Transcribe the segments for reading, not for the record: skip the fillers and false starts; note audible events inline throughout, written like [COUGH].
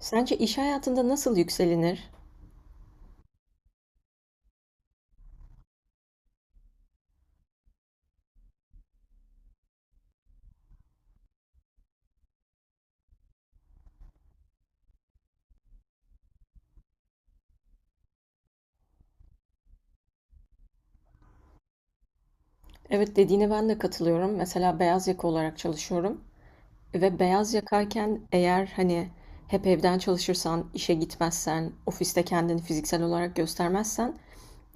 Sence iş hayatında nasıl yükselinir? Evet dediğine ben de katılıyorum. Mesela beyaz yaka olarak çalışıyorum. Ve beyaz yakayken eğer hani hep evden çalışırsan, işe gitmezsen, ofiste kendini fiziksel olarak göstermezsen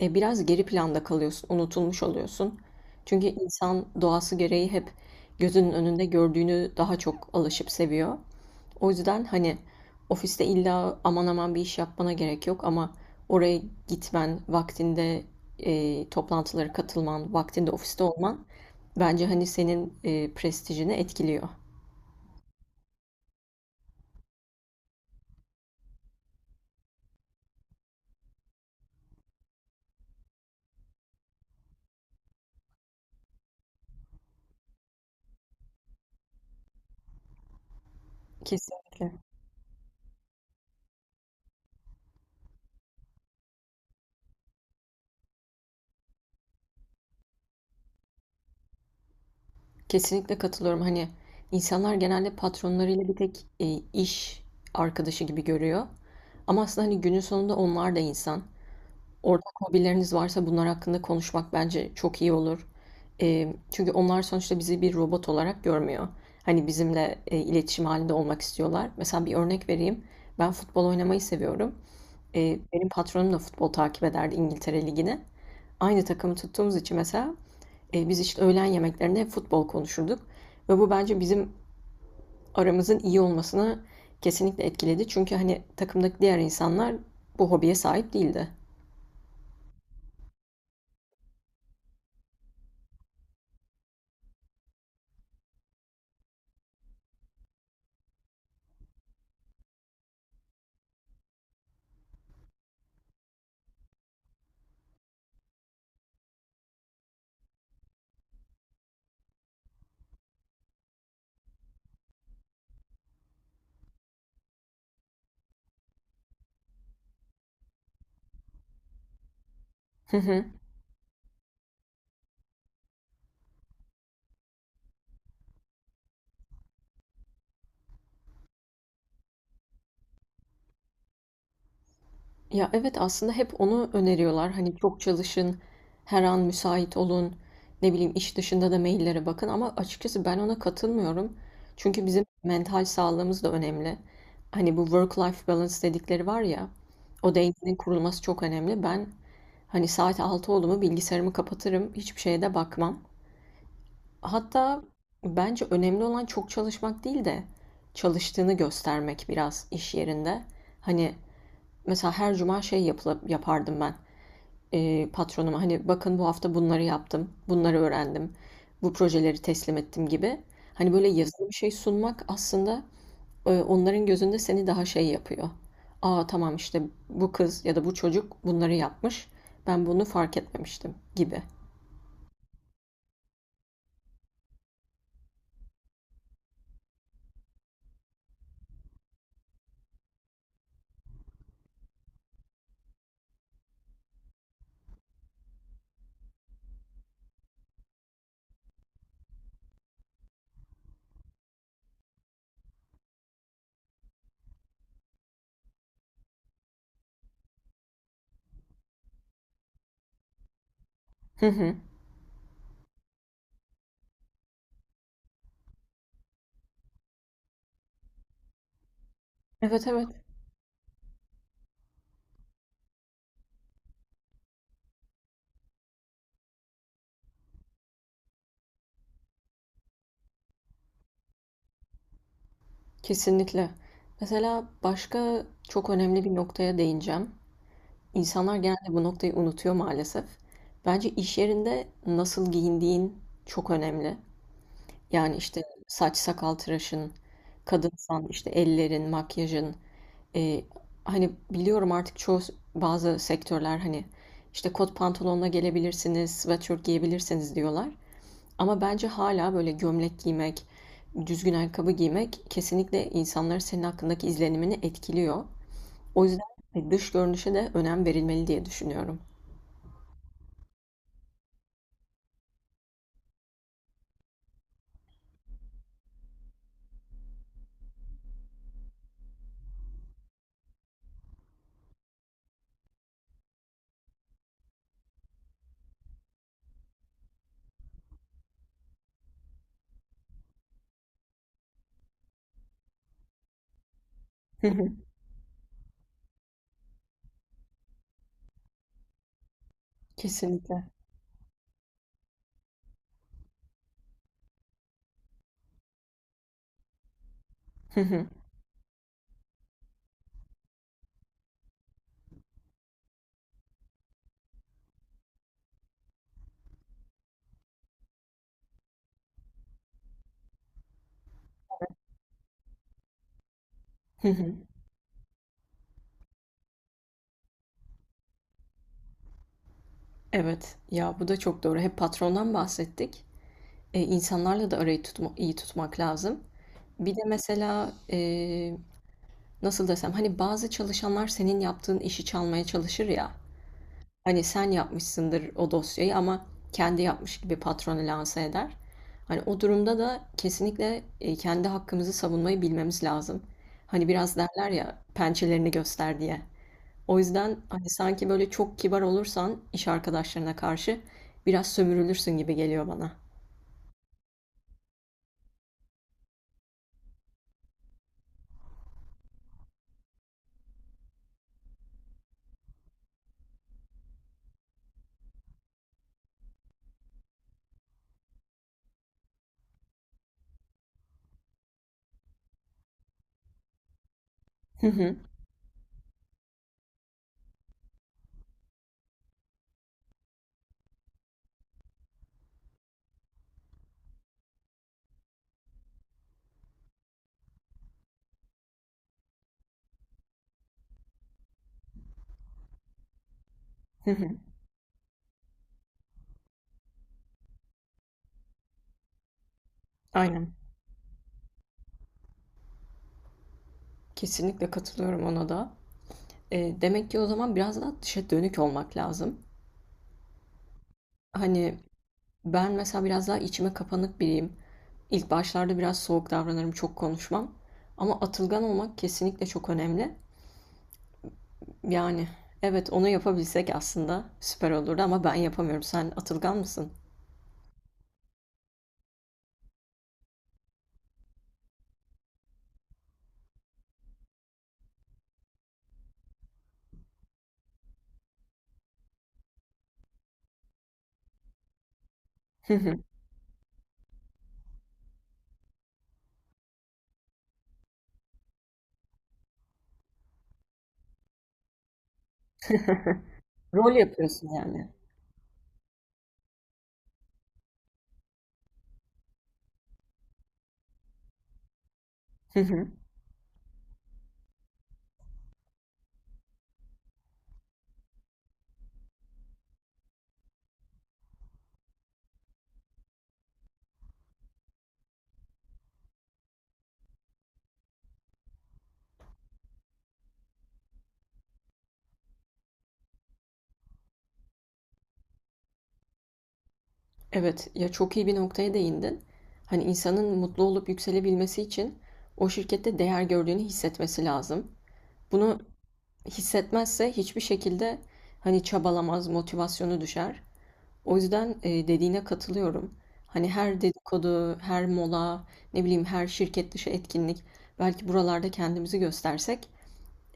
biraz geri planda kalıyorsun, unutulmuş oluyorsun. Çünkü insan doğası gereği hep gözünün önünde gördüğünü daha çok alışıp seviyor. O yüzden hani ofiste illa aman aman bir iş yapmana gerek yok ama oraya gitmen, vaktinde toplantılara katılman, vaktinde ofiste olman bence hani senin prestijini etkiliyor. Kesinlikle. Kesinlikle katılıyorum. Hani insanlar genelde patronlarıyla bir tek iş arkadaşı gibi görüyor. Ama aslında hani günün sonunda onlar da insan. Ortak hobileriniz varsa bunlar hakkında konuşmak bence çok iyi olur. Çünkü onlar sonuçta bizi bir robot olarak görmüyor. Hani bizimle iletişim halinde olmak istiyorlar. Mesela bir örnek vereyim. Ben futbol oynamayı seviyorum. Benim patronum da futbol takip ederdi İngiltere Ligi'ni. Aynı takımı tuttuğumuz için mesela biz işte öğlen yemeklerinde hep futbol konuşurduk. Ve bu bence bizim aramızın iyi olmasını kesinlikle etkiledi. Çünkü hani takımdaki diğer insanlar bu hobiye sahip değildi. [LAUGHS] Ya evet aslında hep onu öneriyorlar. Hani çok çalışın, her an müsait olun, ne bileyim iş dışında da maillere bakın ama açıkçası ben ona katılmıyorum. Çünkü bizim mental sağlığımız da önemli. Hani bu work-life balance dedikleri var ya, o dengenin kurulması çok önemli. Ben hani saat 6 oldu mu bilgisayarımı kapatırım, hiçbir şeye de bakmam. Hatta bence önemli olan çok çalışmak değil de çalıştığını göstermek biraz iş yerinde. Hani mesela her cuma şey yapardım ben patronuma hani bakın bu hafta bunları yaptım, bunları öğrendim, bu projeleri teslim ettim gibi. Hani böyle yazılı bir şey sunmak aslında onların gözünde seni daha şey yapıyor. Aa tamam işte bu kız ya da bu çocuk bunları yapmış, ben bunu fark etmemiştim gibi. Hı hı. Evet, evet, kesinlikle. Mesela başka çok önemli bir noktaya değineceğim. İnsanlar genelde bu noktayı unutuyor maalesef. Bence iş yerinde nasıl giyindiğin çok önemli. Yani işte saç sakal tıraşın, kadınsan işte ellerin, makyajın. Ee, hani biliyorum artık çoğu bazı sektörler hani işte kot pantolonla gelebilirsiniz, sweatshirt giyebilirsiniz diyorlar. Ama bence hala böyle gömlek giymek, düzgün ayakkabı giymek kesinlikle insanların senin hakkındaki izlenimini etkiliyor. O yüzden dış görünüşe de önem verilmeli diye düşünüyorum. Hı hı, kesinlikle. Hı hı, hı hı. Evet, ya bu da çok doğru. Hep patrondan bahsettik. E, insanlarla da arayı tutma, iyi tutmak lazım. Bir de mesela nasıl desem hani bazı çalışanlar senin yaptığın işi çalmaya çalışır ya. Hani sen yapmışsındır o dosyayı ama kendi yapmış gibi patronu lanse eder. Hani o durumda da kesinlikle kendi hakkımızı savunmayı bilmemiz lazım. Hani biraz derler ya pençelerini göster diye. O yüzden hani sanki böyle çok kibar olursan iş arkadaşlarına karşı biraz sömürülürsün gibi geliyor bana. Hı hı, hı hı. Aynen. Kesinlikle katılıyorum ona da. Demek ki o zaman biraz daha dışa dönük olmak lazım. Hani ben mesela biraz daha içime kapanık biriyim. İlk başlarda biraz soğuk davranırım, çok konuşmam. Ama atılgan olmak kesinlikle çok önemli. Yani evet onu yapabilsek aslında süper olurdu ama ben yapamıyorum. Sen atılgan mısın? [LAUGHS] [LAUGHS] Rol yapıyorsun yani. Hı hı. Evet, ya çok iyi bir noktaya değindin. Hani insanın mutlu olup yükselebilmesi için o şirkette değer gördüğünü hissetmesi lazım. Bunu hissetmezse hiçbir şekilde hani çabalamaz, motivasyonu düşer. O yüzden dediğine katılıyorum. Hani her dedikodu, her mola, ne bileyim her şirket dışı etkinlik belki buralarda kendimizi göstersek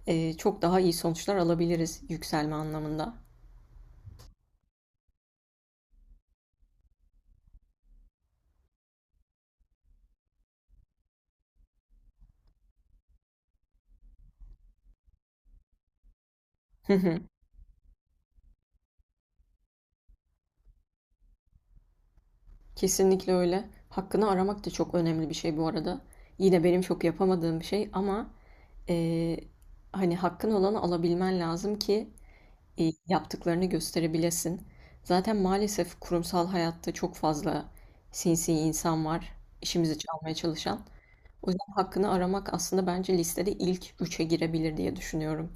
çok daha iyi sonuçlar alabiliriz yükselme anlamında. [LAUGHS] Kesinlikle öyle. Hakkını aramak da çok önemli bir şey bu arada. Yine benim çok yapamadığım bir şey ama eee, hani hakkın olanı alabilmen lazım ki yaptıklarını gösterebilesin. Zaten maalesef kurumsal hayatta çok fazla sinsi insan var, işimizi çalmaya çalışan. O yüzden hakkını aramak aslında bence listede ilk üçe girebilir diye düşünüyorum.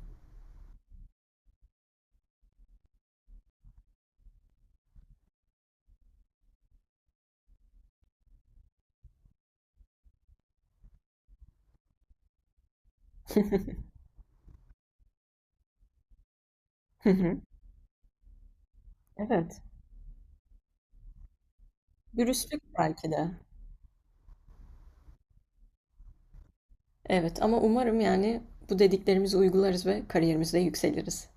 [LAUGHS] Hı hı. Evet. Dürüstlük belki de. Evet ama umarım yani bu dediklerimizi uygularız ve kariyerimizde yükseliriz.